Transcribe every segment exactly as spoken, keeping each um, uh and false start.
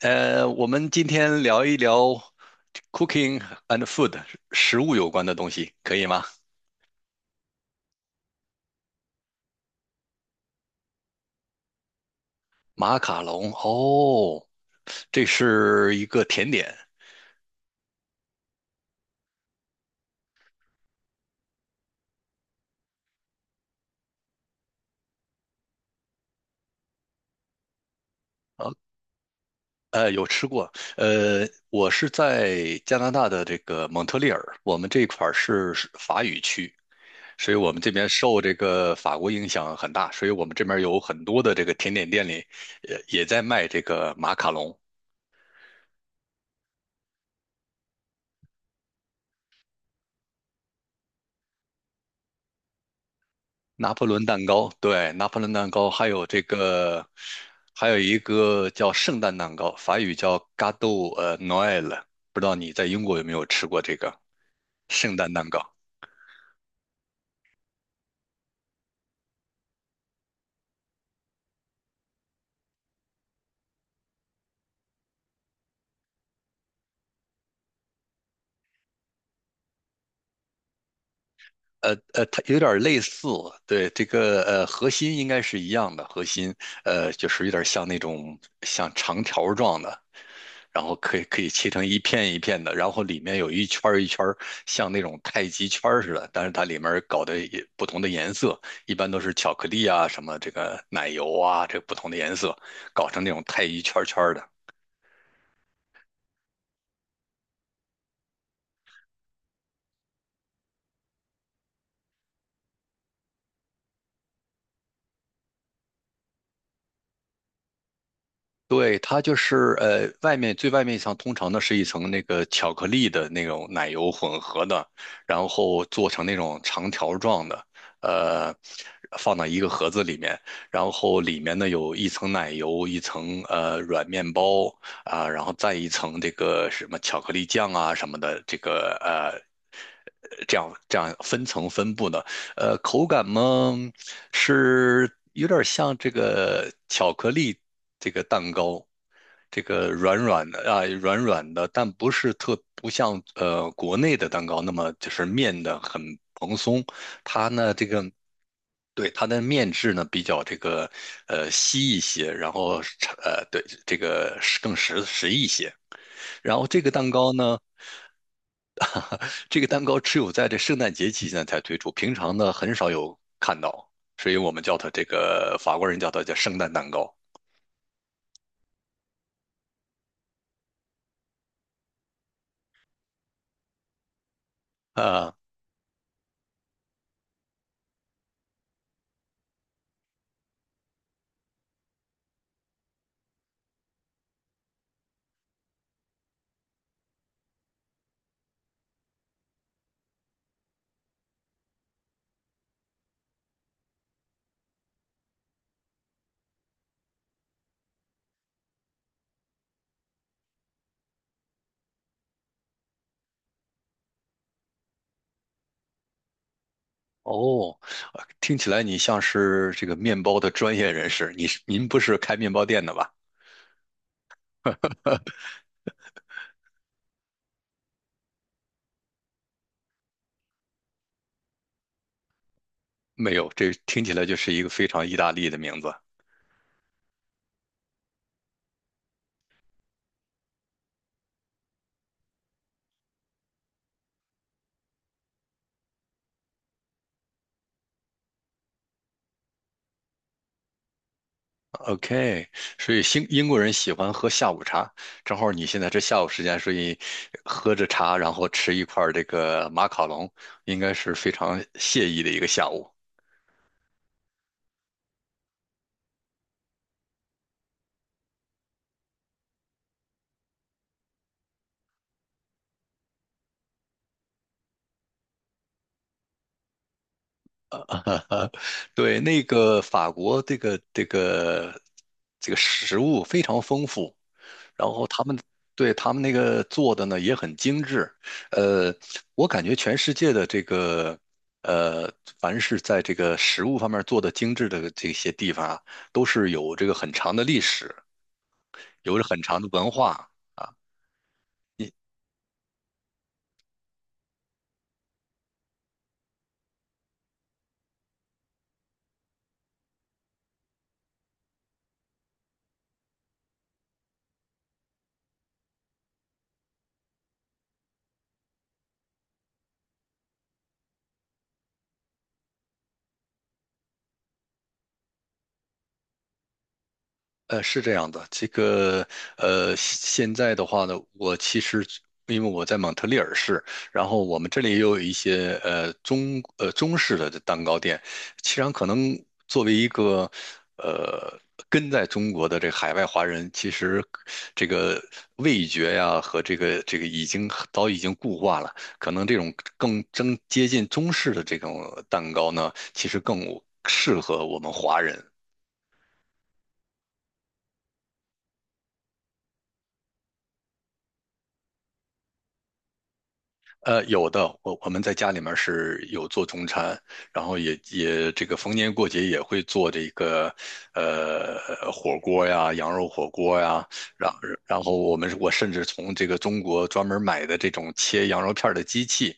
呃，我们今天聊一聊 cooking and food 食物有关的东西，可以吗？马卡龙，哦，这是一个甜点啊，呃，有吃过。呃，我是在加拿大的这个蒙特利尔，我们这块儿是法语区，所以我们这边受这个法国影响很大，所以我们这边有很多的这个甜点店里，也也在卖这个马卡龙。拿破仑蛋糕，对，拿破仑蛋糕，还有这个，还有一个叫圣诞蛋糕，法语叫 Gâteau 呃 Noël，不知道你在英国有没有吃过这个圣诞蛋糕？呃呃，它有点类似，对，这个呃核心应该是一样的，核心呃就是有点像那种像长条状的，然后可以可以切成一片一片的，然后里面有一圈儿一圈儿像那种太极圈儿似的，但是它里面搞的也不同的颜色，一般都是巧克力啊，什么这个奶油啊，这不同的颜色搞成那种太极圈圈的。对，它就是呃，外面最外面一层通常呢是一层那个巧克力的那种奶油混合的，然后做成那种长条状的，呃，放到一个盒子里面，然后里面呢有一层奶油，一层呃软面包啊，然后再一层这个什么巧克力酱啊什么的，这个呃。这样这样分层分布的，呃，口感嘛，是有点像这个巧克力这个蛋糕，这个软软的啊，软软的，但不是特不像呃国内的蛋糕那么就是面的很蓬松，它呢这个。对，它的面质呢比较这个，呃稀一些，然后是呃对这个是更实实一些。然后这个蛋糕呢，这个蛋糕只有在这圣诞节期间才推出，平常呢很少有看到，所以我们叫它这个法国人叫它叫圣诞蛋糕啊。哦，呃听起来你像是这个面包的专业人士，你是您不是开面包店的吧？没有，这听起来就是一个非常意大利的名字。OK，所以英英国人喜欢喝下午茶，正好你现在这下午时间，所以喝着茶，然后吃一块儿这个马卡龙，应该是非常惬意的一个下午。对，那个法国这个这个这个食物非常丰富，然后他们对他们那个做的呢也很精致。呃，我感觉全世界的这个呃，凡是在这个食物方面做的精致的这些地方啊，都是有这个很长的历史，有着很长的文化啊。呃，是这样的，这个呃，现在的话呢，我其实因为我在蒙特利尔市，然后我们这里也有一些呃中呃中式的蛋糕店，其实可能作为一个呃跟在中国的这海外华人，其实这个味觉呀和这个这个已经早已经固化了，可能这种更更接近中式的这种蛋糕呢，其实更适合我们华人。呃，有的，我我们在家里面是有做中餐，然后也也这个逢年过节也会做这个，呃，火锅呀，羊肉火锅呀，然然后我们我甚至从这个中国专门买的这种切羊肉片儿的机器，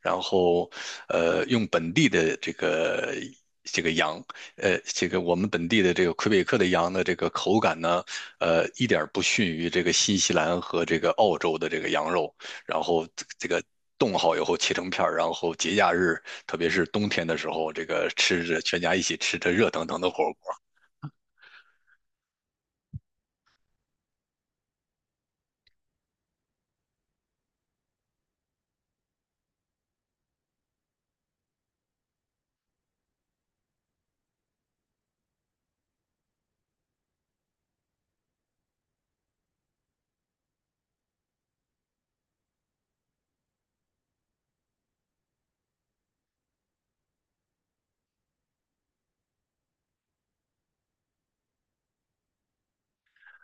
然后呃用本地的这个这个羊，呃这个我们本地的这个魁北克的羊的这个口感呢，呃一点儿不逊于这个新西兰和这个澳洲的这个羊肉。然后这这个冻好以后切成片儿，然后节假日，特别是冬天的时候，这个吃着全家一起吃着热腾腾的火锅。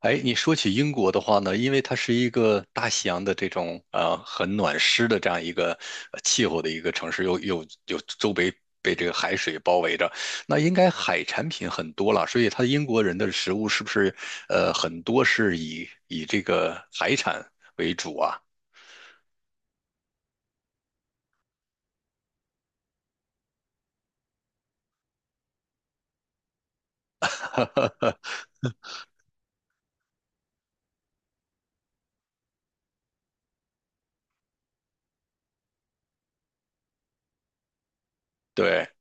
哎，你说起英国的话呢，因为它是一个大西洋的这种呃很暖湿的这样一个呃气候的一个城市，又又又周围被这个海水包围着，那应该海产品很多了，所以它英国人的食物是不是呃很多是以以这个海产为主啊？对。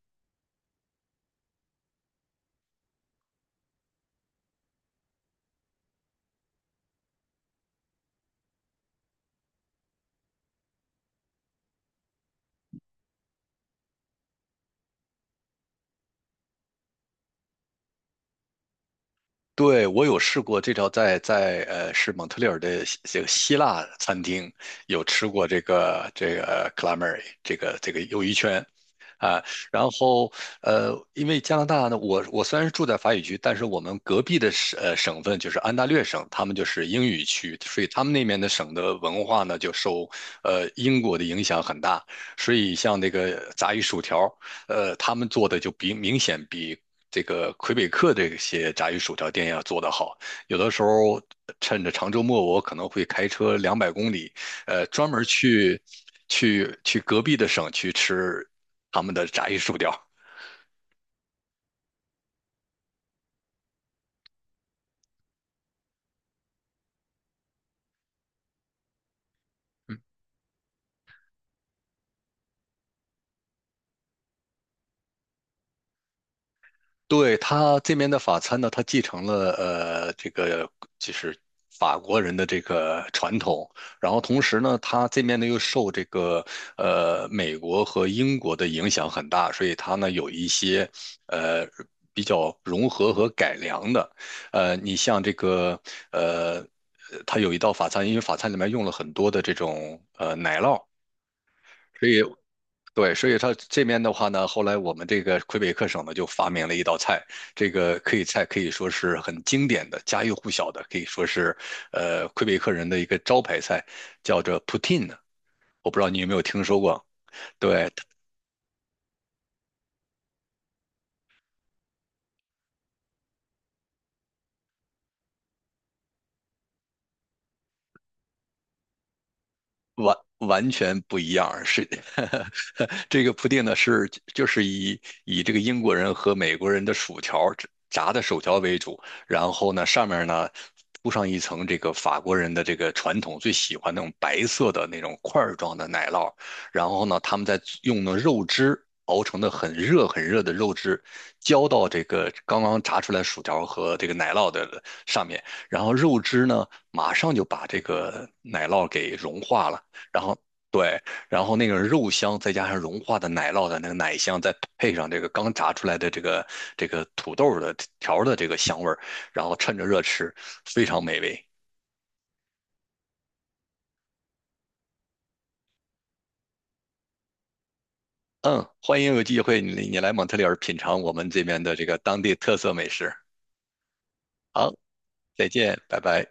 对，我有试过这条在，在呃是蒙特利尔的希这个希腊餐厅有吃过这个这个 calamari 这个这个鱿鱼圈啊，然后呃，因为加拿大呢，我我虽然是住在法语区，但是我们隔壁的省呃省份就是安大略省，他们就是英语区，所以他们那边的省的文化呢就受呃英国的影响很大，所以像那个炸鱼薯条，呃，他们做的就比明显比这个魁北克这些炸鱼薯条店要做得好。有的时候趁着长周末，我可能会开车两百公里，呃，专门去去去隔壁的省去吃他们的炸鱼薯条。对，他这边的法餐呢，他继承了呃这个就是法国人的这个传统，然后同时呢，他这边呢又受这个呃美国和英国的影响很大，所以他呢有一些呃比较融合和改良的，呃，你像这个呃，它有一道法餐，因为法餐里面用了很多的这种呃奶酪。所以对，所以它这边的话呢，后来我们这个魁北克省呢就发明了一道菜，这个可以菜可以说是很经典的、家喻户晓的，可以说是呃魁北克人的一个招牌菜，叫做 poutine。我不知道你有没有听说过？对，完完全不一样，是 这个铺垫呢是就是以以这个英国人和美国人的薯条炸的薯条为主，然后呢上面呢铺上一层这个法国人的这个传统最喜欢那种白色的那种块儿状的奶酪，然后呢他们再用的肉汁熬成的很热很热的肉汁浇到这个刚刚炸出来薯条和这个奶酪的上面，然后肉汁呢马上就把这个奶酪给融化了。然后对，然后那个肉香再加上融化的奶酪的那个奶香，再配上这个刚炸出来的这个这个土豆的条儿的这个香味儿，然后趁着热吃，非常美味。嗯，欢迎有机会你你来蒙特利尔品尝我们这边的这个当地特色美食。好，再见，拜拜。